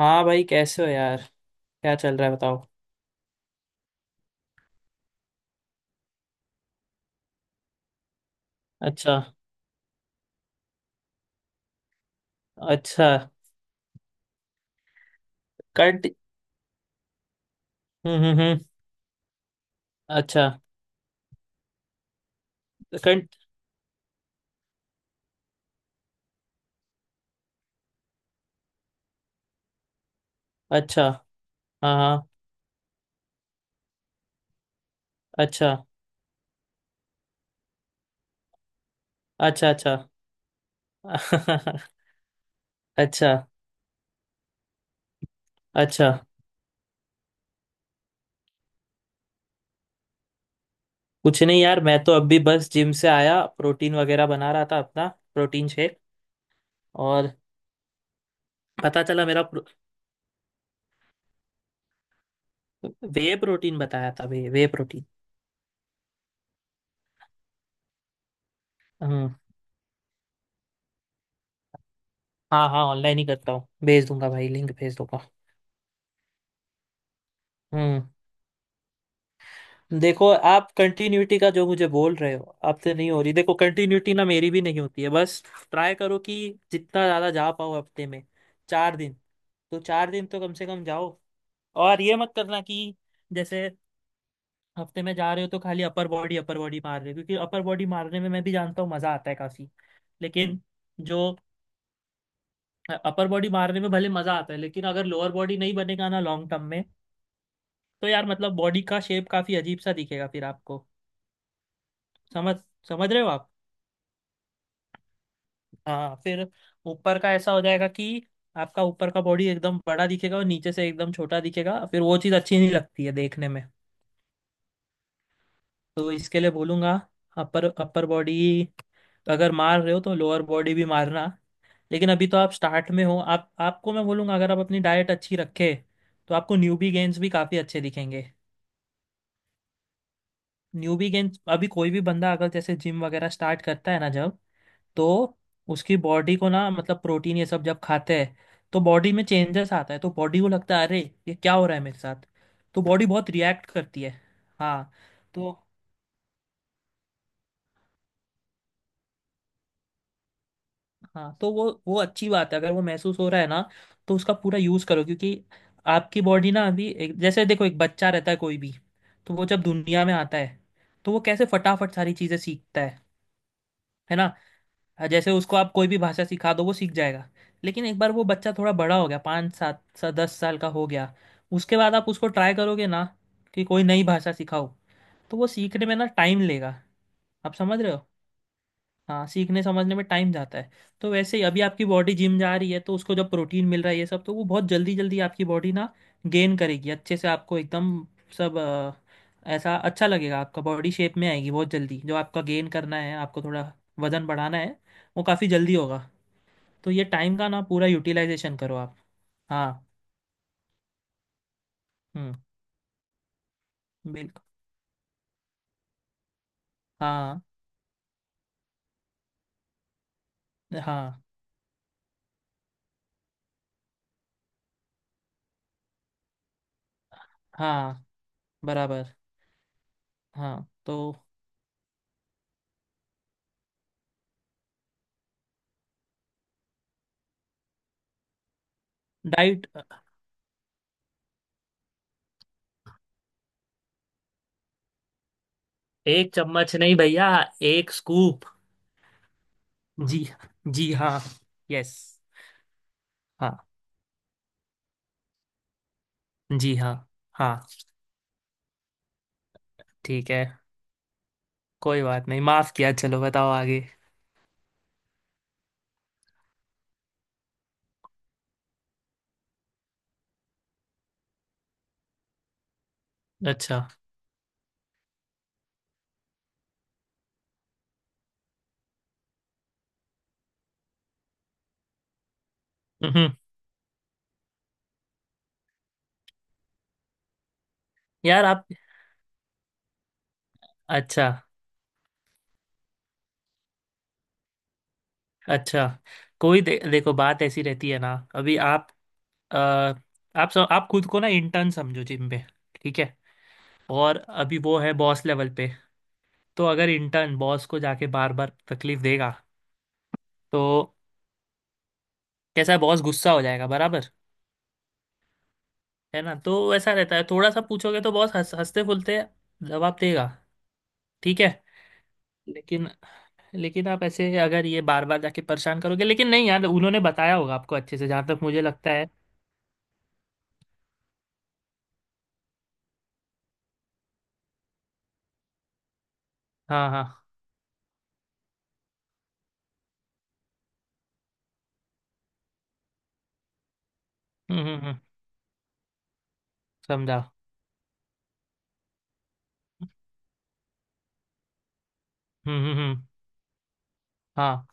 हाँ भाई कैसे हो यार क्या चल रहा है बताओ अच्छा। अच्छा। कंट हम्म, हम्म, हम्म। अच्छा। कंट अच्छा। हाँ, हाँ। अच्छा। अच्छा। अच्छा। अच्छा। अच्छा। कुछ नहीं यार, मैं तो अभी बस जिम से आया। प्रोटीन वगैरह बना रहा था अपना, प्रोटीन शेक। और पता चला मेरा वे प्रोटीन बताया था, वे वे प्रोटीन। हम्म। हाँ हाँ, ऑनलाइन ही करता हूँ। भेज दूंगा भाई, लिंक भेज दूंगा। हम्म। देखो, आप कंटिन्यूटी का जो मुझे बोल रहे हो, आपसे नहीं हो रही। देखो कंटिन्यूटी ना, मेरी भी नहीं होती है बस। ट्राई करो कि जितना ज़्यादा जा पाओ हफ्ते में, चार दिन। तो चार दिन तो कम से कम जाओ। और ये मत करना कि जैसे हफ्ते में जा रहे हो तो खाली अपर बॉडी, अपर बॉडी मार रहे हो। क्योंकि अपर बॉडी मारने में मैं भी जानता हूँ मज़ा आता है काफ़ी। लेकिन जो अपर बॉडी मारने में भले मज़ा आता है, लेकिन अगर लोअर बॉडी नहीं बनेगा ना लॉन्ग टर्म में, तो यार मतलब बॉडी का शेप काफ़ी अजीब सा दिखेगा फिर आपको। समझ समझ रहे हो आप? हाँ फिर ऊपर का ऐसा हो जाएगा कि आपका ऊपर का बॉडी एकदम बड़ा दिखेगा और नीचे से एकदम छोटा दिखेगा। फिर वो चीज़ अच्छी नहीं लगती है देखने में। तो इसके लिए बोलूँगा, अपर अपर बॉडी अगर मार रहे हो तो लोअर बॉडी भी मारना। लेकिन अभी तो आप स्टार्ट में हो। आप आपको मैं बोलूँगा अगर आप अपनी डाइट अच्छी रखे, तो आपको न्यूबी गेंस भी काफ़ी अच्छे दिखेंगे। न्यूबी गेंस, अभी कोई भी बंदा अगर जैसे जिम वगैरह स्टार्ट करता है ना, जब तो उसकी बॉडी को ना, मतलब प्रोटीन ये सब जब खाते हैं, तो बॉडी में चेंजेस आता है, तो बॉडी को लगता है अरे ये क्या हो रहा है मेरे साथ। तो बॉडी बहुत रिएक्ट करती है। हाँ तो। हाँ तो वो अच्छी बात है अगर वो महसूस हो रहा है ना, तो उसका पूरा यूज़ करो। क्योंकि आपकी बॉडी ना अभी जैसे देखो एक बच्चा रहता है कोई भी, तो वो जब दुनिया में आता है, तो वो कैसे फटाफट सारी चीज़ें सीखता है ना? हाँ, जैसे उसको आप कोई भी भाषा सिखा दो वो सीख जाएगा। लेकिन एक बार वो बच्चा थोड़ा बड़ा हो गया, पाँच सात सा दस साल का हो गया, उसके बाद आप उसको ट्राई करोगे ना कि कोई नई भाषा सिखाओ, तो वो सीखने में ना टाइम लेगा। आप समझ रहे हो? हाँ, सीखने समझने में टाइम जाता है। तो वैसे ही अभी आपकी बॉडी जिम जा रही है, तो उसको जब प्रोटीन मिल रहा है ये सब, तो वो बहुत जल्दी जल्दी आपकी बॉडी ना गेन करेगी अच्छे से, आपको एकदम। सब ऐसा अच्छा लगेगा, आपका बॉडी शेप में आएगी बहुत जल्दी। जो आपका गेन करना है, आपको थोड़ा वजन बढ़ाना है, वो काफ़ी जल्दी होगा। तो ये टाइम का ना पूरा यूटिलाइजेशन करो आप। हाँ। हम्म। बिल्कुल। हाँ हाँ हाँ। बराबर। हाँ तो डाइट। एक चम्मच नहीं भैया, एक स्कूप। जी। जी हाँ। यस। हाँ। जी हाँ। हाँ। ठीक है, कोई बात नहीं, माफ किया। चलो बताओ आगे। अच्छा। हम्म। यार आप अच्छा। अच्छा। देखो, बात ऐसी रहती है ना, अभी आप अ, आप सब आप खुद को ना इंटर्न समझो जिम पे। ठीक है। और अभी वो है बॉस लेवल पे। तो अगर इंटर्न बॉस को जाके बार बार तकलीफ देगा, तो कैसा है, बॉस गुस्सा हो जाएगा, बराबर। है ना? तो ऐसा रहता है, थोड़ा सा पूछोगे तो बॉस हंसते फुलते जवाब देगा। ठीक है। लेकिन लेकिन आप ऐसे अगर ये बार बार जाके परेशान करोगे। लेकिन नहीं यार, उन्होंने बताया होगा आपको अच्छे से जहाँ तक मुझे लगता है। हाँ हाँ। हम्म, हम्म, समझा। हम्म, हम्म, हम्म। हाँ,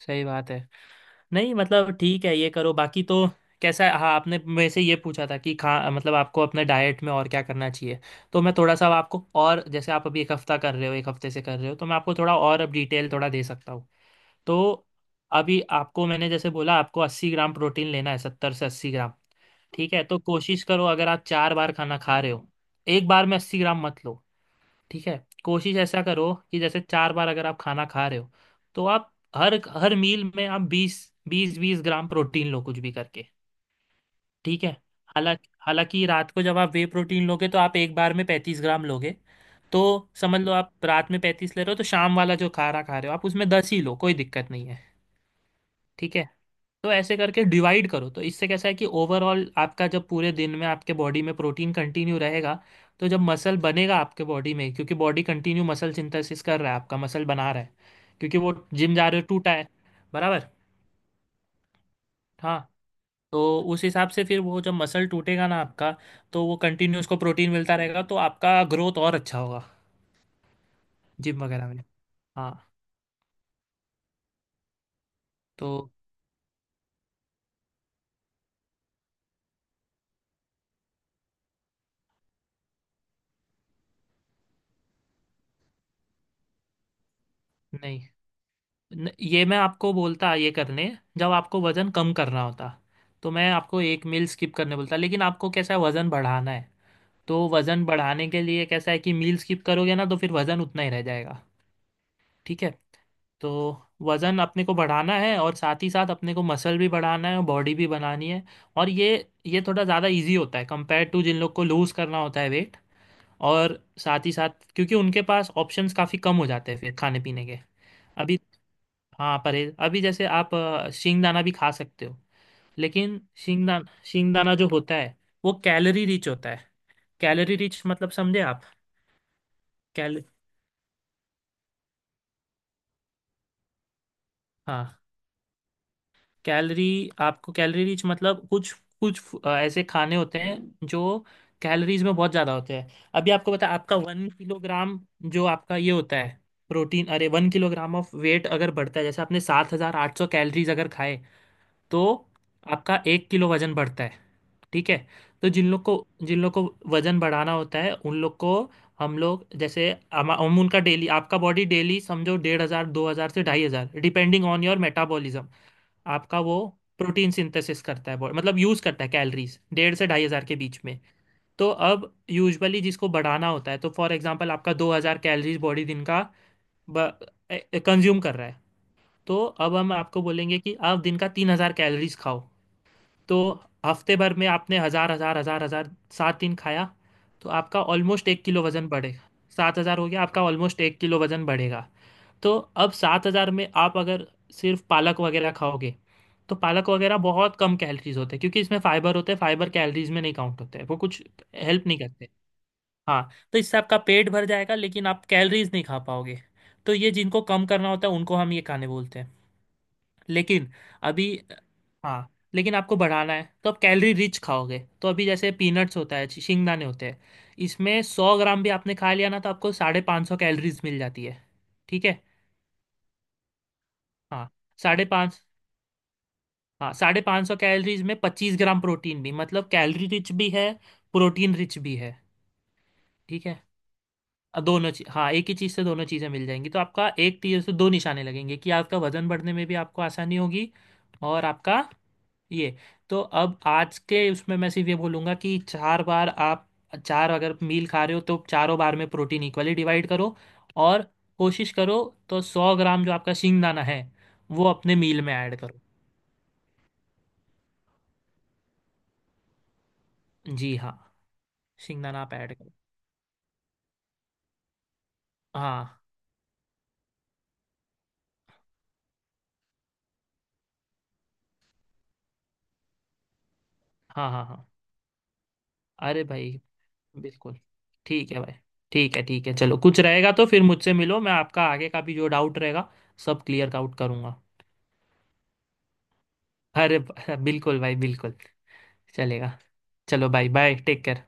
सही बात है। नहीं मतलब ठीक है, ये करो बाकी। तो कैसा है, हाँ, आपने मेरे से ये पूछा था कि खा मतलब आपको अपने डाइट में और क्या करना चाहिए? तो मैं थोड़ा सा अब आपको, और जैसे आप अभी एक हफ्ता कर रहे हो, एक हफ्ते से कर रहे हो, तो मैं आपको थोड़ा और अब डिटेल थोड़ा दे सकता हूँ। तो अभी आपको मैंने जैसे बोला, आपको 80 ग्राम प्रोटीन लेना है, 70 से 80 ग्राम। ठीक है, तो कोशिश करो, अगर आप 4 बार खाना खा रहे हो, एक बार में 80 ग्राम मत लो। ठीक है। कोशिश ऐसा करो कि जैसे 4 बार अगर आप खाना खा रहे हो, तो आप हर हर मील में आप 20 20 20 ग्राम प्रोटीन लो कुछ भी करके। ठीक है। हालांकि हालांकि रात को जब आप वे प्रोटीन लोगे, तो आप एक बार में 35 ग्राम लोगे। तो समझ लो आप रात में 35 ले रहे हो, तो शाम वाला जो खाना खा रहे हो आप उसमें 10 ही लो, कोई दिक्कत नहीं है। ठीक है। तो ऐसे करके डिवाइड करो, तो इससे कैसा है कि ओवरऑल आपका जब पूरे दिन में आपके बॉडी में प्रोटीन कंटिन्यू रहेगा, तो जब मसल बनेगा आपके बॉडी में, क्योंकि बॉडी कंटिन्यू मसल सिंथेसिस कर रहा है, आपका मसल बना रहा है, क्योंकि वो जिम जा रहे हो टूटा है, बराबर। हाँ, तो उस हिसाब से फिर वो जब मसल टूटेगा ना आपका, तो वो कंटिन्यू उसको प्रोटीन मिलता रहेगा, तो आपका ग्रोथ और अच्छा होगा जिम वगैरह में। हाँ। तो नहीं, ये मैं आपको बोलता ये करने, जब आपको वजन कम करना होता, तो मैं आपको एक मील स्किप करने बोलता। लेकिन आपको कैसा है, वजन बढ़ाना है। तो वजन बढ़ाने के लिए कैसा है कि मील स्किप करोगे ना, तो फिर वजन उतना ही रह जाएगा। ठीक है। तो वजन अपने को बढ़ाना है, और साथ ही साथ अपने को मसल भी बढ़ाना है, और बॉडी भी बनानी है। और ये थोड़ा ज़्यादा इजी होता है कंपेयर टू जिन लोग को लूज़ करना होता है वेट। और साथ ही साथ क्योंकि उनके पास ऑप्शंस काफ़ी कम हो जाते हैं फिर खाने पीने के। अभी। हाँ परहेज। अभी जैसे आप सींगदाना भी खा सकते हो। लेकिन सींगदाना सींगदाना जो होता है, वो कैलोरी रिच होता है। कैलोरी रिच मतलब, समझे आप? कैल हाँ कैलोरी। आपको कैलोरी रिच मतलब कुछ, कुछ ऐसे खाने होते हैं जो कैलोरीज में बहुत ज़्यादा होते हैं। अभी आपको पता है, आपका वन किलोग्राम, जो आपका ये होता है, प्रोटीन, अरे वन किलोग्राम ऑफ वेट अगर बढ़ता है, जैसे आपने 7,800 कैलोरीज अगर खाए, तो आपका 1 किलो वजन बढ़ता है। ठीक है। तो जिन लोग को वजन बढ़ाना होता है, उन लोग को, हम लोग जैसे हम उनका डेली, आपका बॉडी डेली समझो 1,500, 2,000 से 2,500, डिपेंडिंग ऑन योर मेटाबॉलिज्म। आपका वो प्रोटीन सिंथेसिस करता है बॉडी, मतलब यूज़ करता है कैलोरीज, 1,500 से 2,500 के बीच में। तो अब यूजुअली जिसको बढ़ाना होता है, तो फॉर एग्जांपल आपका 2,000 कैलोरीज बॉडी दिन का कंज्यूम कर रहा है। तो अब हम आपको बोलेंगे कि आप दिन का 3,000 कैलोरीज खाओ। तो हफ्ते भर में आपने 1,000 1,000 1,000 1,000 7 दिन खाया, तो आपका ऑलमोस्ट 1 किलो वजन बढ़ेगा। सात हजार हो गया, आपका ऑलमोस्ट एक किलो वजन बढ़ेगा। तो अब 7,000 में आप अगर सिर्फ पालक वगैरह खाओगे, तो पालक वगैरह बहुत कम कैलोरीज होते हैं, क्योंकि इसमें फाइबर होते हैं, फाइबर कैलोरीज में नहीं काउंट होते हैं, वो कुछ हेल्प नहीं करते। हाँ, तो इससे आपका पेट भर जाएगा, लेकिन आप कैलोरीज नहीं खा पाओगे। तो ये जिनको कम करना होता है उनको हम ये खाने बोलते हैं। लेकिन अभी। हाँ। लेकिन आपको बढ़ाना है तो आप कैलोरी रिच खाओगे। तो अभी जैसे पीनट्स होता है, शिंगदाने होते हैं, इसमें 100 ग्राम भी आपने खा लिया ना, तो आपको 550 कैलोरीज मिल जाती है। ठीक है। हाँ, साढ़े पाँच हाँ साढ़े पाँच सौ कैलोरीज में 25 ग्राम प्रोटीन भी, मतलब कैलोरी रिच भी है, प्रोटीन रिच भी है। ठीक है। दोनों चीज हाँ, एक ही चीज़ से दोनों चीज़ें मिल जाएंगी, तो आपका एक तीर से दो निशाने लगेंगे कि आपका वजन बढ़ने में भी आपको आसानी होगी। और आपका ये तो अब आज के उसमें मैं सिर्फ ये बोलूँगा कि चार बार आप चार अगर मील खा रहे हो, तो चारों बार में प्रोटीन इक्वली डिवाइड करो और कोशिश करो। तो 100 ग्राम जो आपका शिंगदाना है, वो अपने मील में ऐड करो। जी हाँ। सिंगदाना आप ऐड करो। हाँ हाँ हाँ हाँ। अरे भाई, बिल्कुल। ठीक है भाई। ठीक है, ठीक है, चलो कुछ रहेगा तो फिर मुझसे मिलो, मैं आपका आगे का भी जो डाउट रहेगा सब क्लियर आउट करूँगा। अरे बिल्कुल भाई, बिल्कुल। चलेगा। चलो भाई, बाय, टेक केयर।